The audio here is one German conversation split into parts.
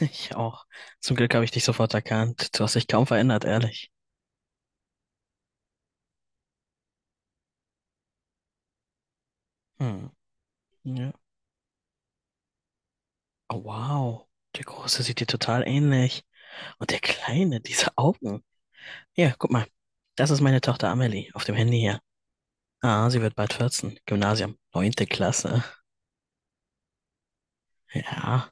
Ich auch. Zum Glück habe ich dich sofort erkannt. Du hast dich kaum verändert, ehrlich. Hm. Ja. Oh, wow. Der Große sieht dir total ähnlich. Und der Kleine, diese Augen. Ja, guck mal. Das ist meine Tochter Amelie auf dem Handy hier. Ah, sie wird bald 14. Gymnasium. Neunte Klasse. Ja.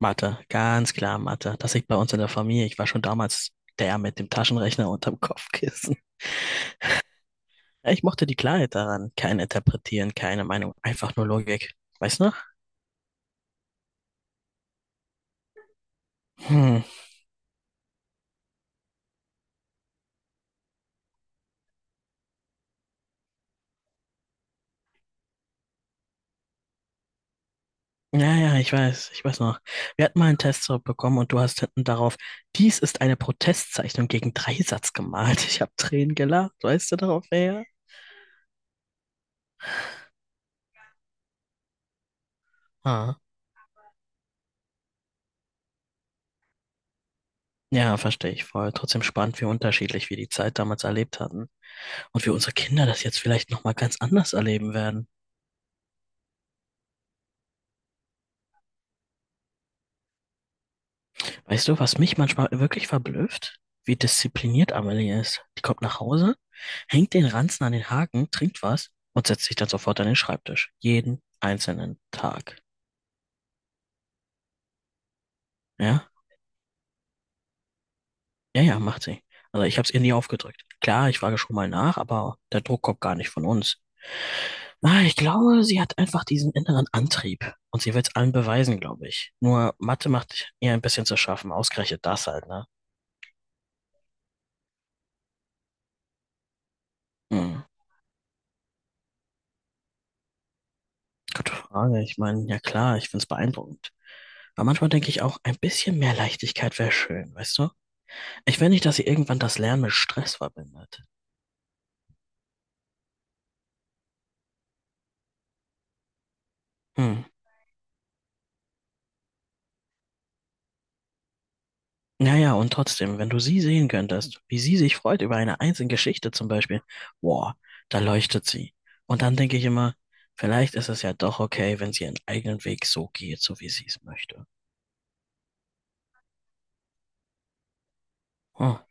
Mathe. Ganz klar Mathe. Das liegt bei uns in der Familie. Ich war schon damals der mit dem Taschenrechner unterm Kopfkissen. Ja, ich mochte die Klarheit daran. Kein Interpretieren, keine Meinung. Einfach nur Logik. Weißt du noch? Hm. Ja, ja, ich weiß noch. Wir hatten mal einen Test zurückbekommen und du hast hinten darauf, dies ist eine Protestzeichnung gegen Dreisatz gemalt. Ich habe Tränen gelacht, weißt du darauf wer. Ah. Ja, verstehe ich voll. Trotzdem spannend, wie unterschiedlich wir die Zeit damals erlebt hatten und wie unsere Kinder das jetzt vielleicht nochmal ganz anders erleben werden. Weißt du, was mich manchmal wirklich verblüfft? Wie diszipliniert Amelie ist. Die kommt nach Hause, hängt den Ranzen an den Haken, trinkt was und setzt sich dann sofort an den Schreibtisch. Jeden einzelnen Tag. Ja? Ja, ja, macht sie. Also ich habe es ihr nie aufgedrückt. Klar, ich frage schon mal nach, aber der Druck kommt gar nicht von uns. Ah, ich glaube, sie hat einfach diesen inneren Antrieb. Und sie will es allen beweisen, glaube ich. Nur Mathe macht ihr ein bisschen zu schaffen. Ausgerechnet das halt, ne? Hm, gute Frage. Ich meine, ja klar, ich find's beeindruckend. Aber manchmal denke ich auch, ein bisschen mehr Leichtigkeit wäre schön, weißt du? Ich will nicht, dass sie irgendwann das Lernen mit Stress verbindet. Hm. Ja, ja, und trotzdem, wenn du sie sehen könntest, wie sie sich freut über eine einzelne Geschichte zum Beispiel, boah, da leuchtet sie. Und dann denke ich immer, vielleicht ist es ja doch okay, wenn sie ihren eigenen Weg so geht, so wie sie es möchte. Oh,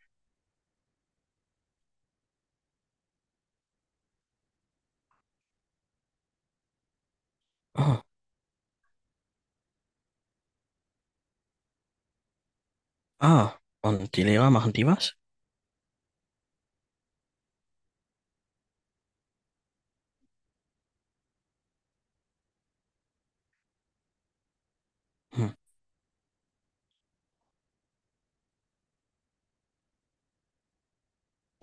oh, ah, und die Lehrer machen die was? Hm.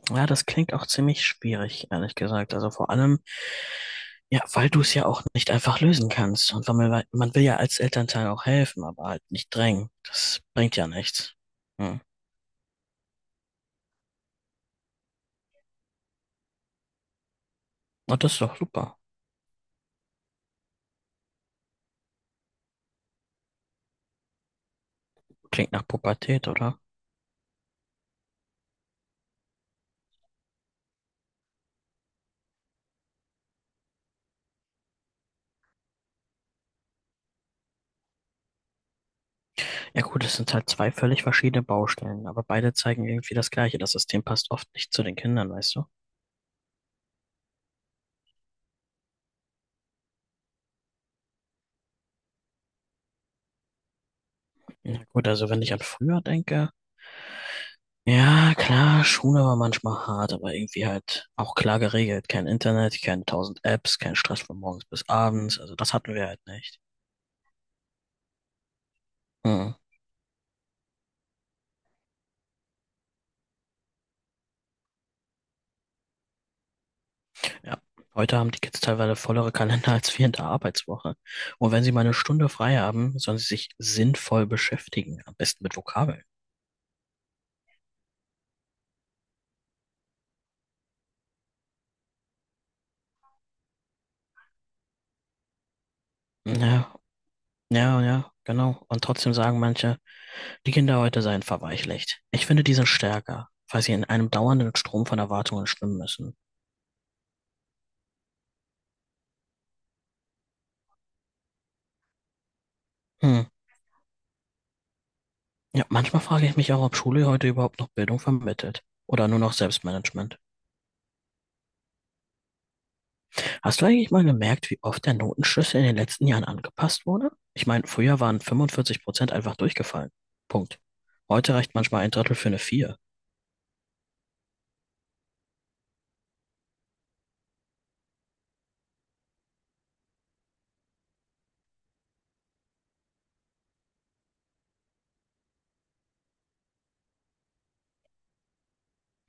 Ja, das klingt auch ziemlich schwierig, ehrlich gesagt. Also vor allem, ja, weil du es ja auch nicht einfach lösen kannst. Und weil man will ja als Elternteil auch helfen, aber halt nicht drängen. Das bringt ja nichts. Hm. Und das ist doch super. Klingt nach Pubertät, oder? Ja gut, es sind halt zwei völlig verschiedene Baustellen, aber beide zeigen irgendwie das Gleiche. Das System passt oft nicht zu den Kindern, weißt du? Ja gut, also wenn ich an früher denke, ja klar, Schule war manchmal hart, aber irgendwie halt auch klar geregelt. Kein Internet, keine tausend Apps, kein Stress von morgens bis abends. Also das hatten wir halt nicht. Hm. Ja. Heute haben die Kids teilweise vollere Kalender als wir in der Arbeitswoche. Und wenn sie mal eine Stunde frei haben, sollen sie sich sinnvoll beschäftigen, am besten mit Vokabeln. Ja, ja, ja, genau. Und trotzdem sagen manche, die Kinder heute seien verweichlicht. Ich finde, die sind stärker, weil sie in einem dauernden Strom von Erwartungen schwimmen müssen. Hm. Ja, manchmal frage ich mich auch, ob Schule heute überhaupt noch Bildung vermittelt. Oder nur noch Selbstmanagement. Hast du eigentlich mal gemerkt, wie oft der Notenschlüssel in den letzten Jahren angepasst wurde? Ich meine, früher waren 45% einfach durchgefallen. Punkt. Heute reicht manchmal ein Drittel für eine Vier.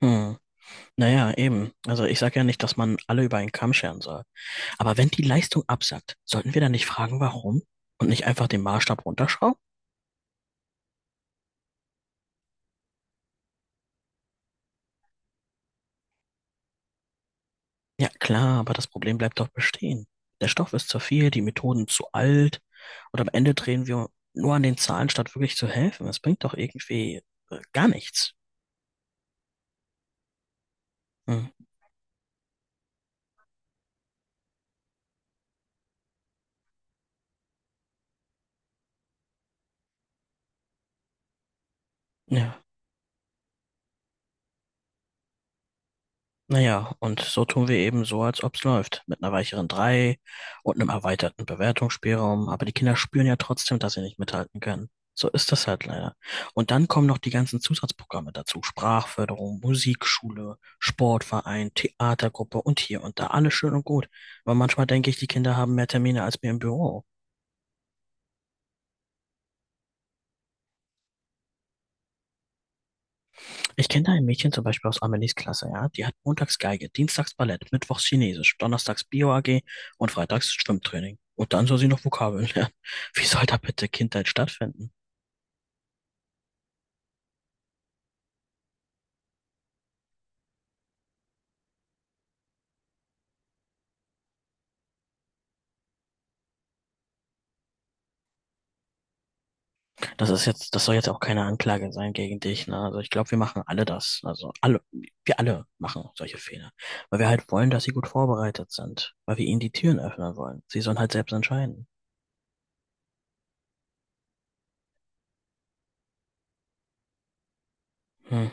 Hm. Naja, eben. Also ich sage ja nicht, dass man alle über einen Kamm scheren soll. Aber wenn die Leistung absackt, sollten wir dann nicht fragen, warum? Und nicht einfach den Maßstab runterschrauben? Ja, klar, aber das Problem bleibt doch bestehen. Der Stoff ist zu viel, die Methoden zu alt und am Ende drehen wir nur an den Zahlen, statt wirklich zu helfen. Das bringt doch irgendwie gar nichts. Hm. Ja. Naja, und so tun wir eben so, als ob's läuft. Mit einer weicheren 3 und einem erweiterten Bewertungsspielraum. Aber die Kinder spüren ja trotzdem, dass sie nicht mithalten können. So ist das halt leider. Und dann kommen noch die ganzen Zusatzprogramme dazu. Sprachförderung, Musikschule, Sportverein, Theatergruppe und hier und da. Alles schön und gut. Aber manchmal denke ich, die Kinder haben mehr Termine als wir im Büro. Ich kenne da ein Mädchen zum Beispiel aus Amelies Klasse, ja. Die hat montags Geige, dienstags Ballett, mittwochs Chinesisch, donnerstags Bio-AG und freitags Schwimmtraining. Und dann soll sie noch Vokabeln lernen. Wie soll da bitte Kindheit stattfinden? Das soll jetzt auch keine Anklage sein gegen dich, ne? Also ich glaube, wir machen alle das. Wir alle machen solche Fehler. Weil wir halt wollen, dass sie gut vorbereitet sind. Weil wir ihnen die Türen öffnen wollen. Sie sollen halt selbst entscheiden. Hm.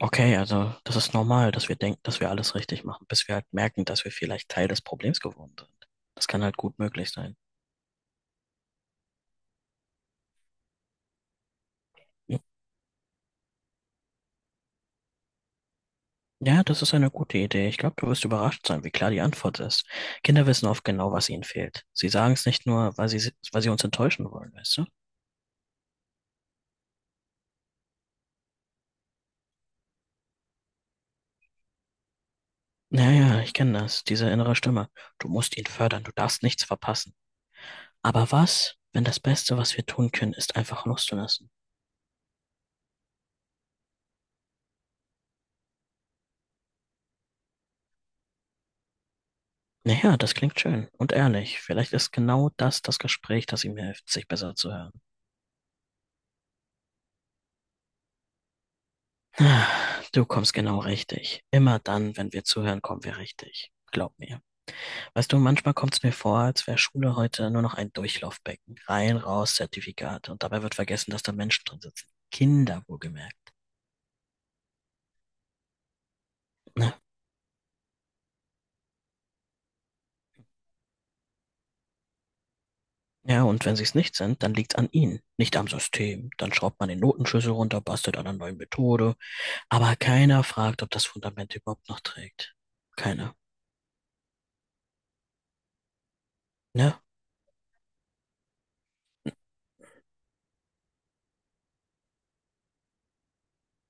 Okay, also das ist normal, dass wir denken, dass wir alles richtig machen, bis wir halt merken, dass wir vielleicht Teil des Problems geworden sind. Das kann halt gut möglich sein. Hm. Ja, das ist eine gute Idee. Ich glaube, du wirst überrascht sein, wie klar die Antwort ist. Kinder wissen oft genau, was ihnen fehlt. Sie sagen es nicht nur, weil sie uns enttäuschen wollen, weißt du? Naja, ich kenne das, diese innere Stimme. Du musst ihn fördern, du darfst nichts verpassen. Aber was, wenn das Beste, was wir tun können, ist einfach loszulassen? Naja, das klingt schön und ehrlich. Vielleicht ist genau das das Gespräch, das ihm hilft, sich besser zu hören. Ah, du kommst genau richtig. Immer dann, wenn wir zuhören, kommen wir richtig. Glaub mir. Weißt du, manchmal kommt es mir vor, als wäre Schule heute nur noch ein Durchlaufbecken. Rein, raus, Zertifikate. Und dabei wird vergessen, dass da Menschen drin sitzen. Kinder, wohlgemerkt. Na, ja, und wenn sie es nicht sind, dann liegt's an ihnen, nicht am System. Dann schraubt man den Notenschlüssel runter, bastelt an einer neuen Methode. Aber keiner fragt, ob das Fundament überhaupt noch trägt. Keiner. Ne?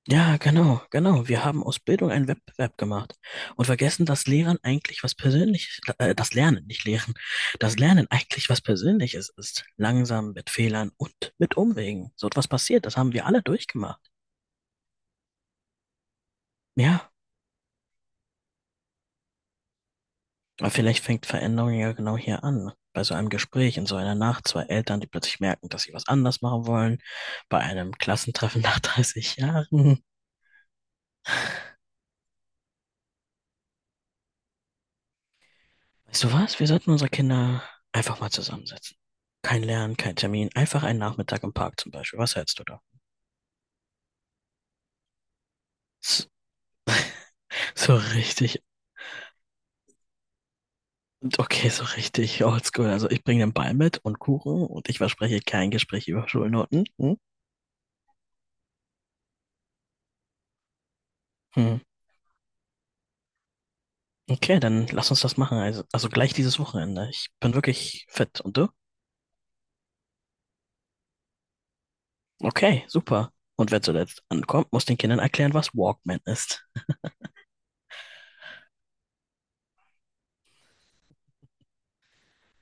Ja, genau, genau. Wir haben aus Bildung einen Wettbewerb gemacht und vergessen, dass Lehren eigentlich was Persönliches, das Lernen, nicht Lehren, das Lernen eigentlich was Persönliches ist. Langsam, mit Fehlern und mit Umwegen. So etwas passiert, das haben wir alle durchgemacht. Ja, aber vielleicht fängt Veränderung ja genau hier an. Bei so einem Gespräch in so einer Nacht, zwei Eltern, die plötzlich merken, dass sie was anders machen wollen, bei einem Klassentreffen nach 30 Jahren. Weißt du was? Wir sollten unsere Kinder einfach mal zusammensetzen. Kein Lernen, kein Termin, einfach einen Nachmittag im Park zum Beispiel. Was hältst du da? S- So richtig, okay, so richtig oldschool. Also ich bringe den Ball mit und Kuchen und ich verspreche kein Gespräch über Schulnoten. Hm? Hm. Okay, dann lass uns das machen. Also gleich dieses Wochenende. Ich bin wirklich fit. Und du? Okay, super. Und wer zuletzt ankommt, muss den Kindern erklären, was Walkman ist.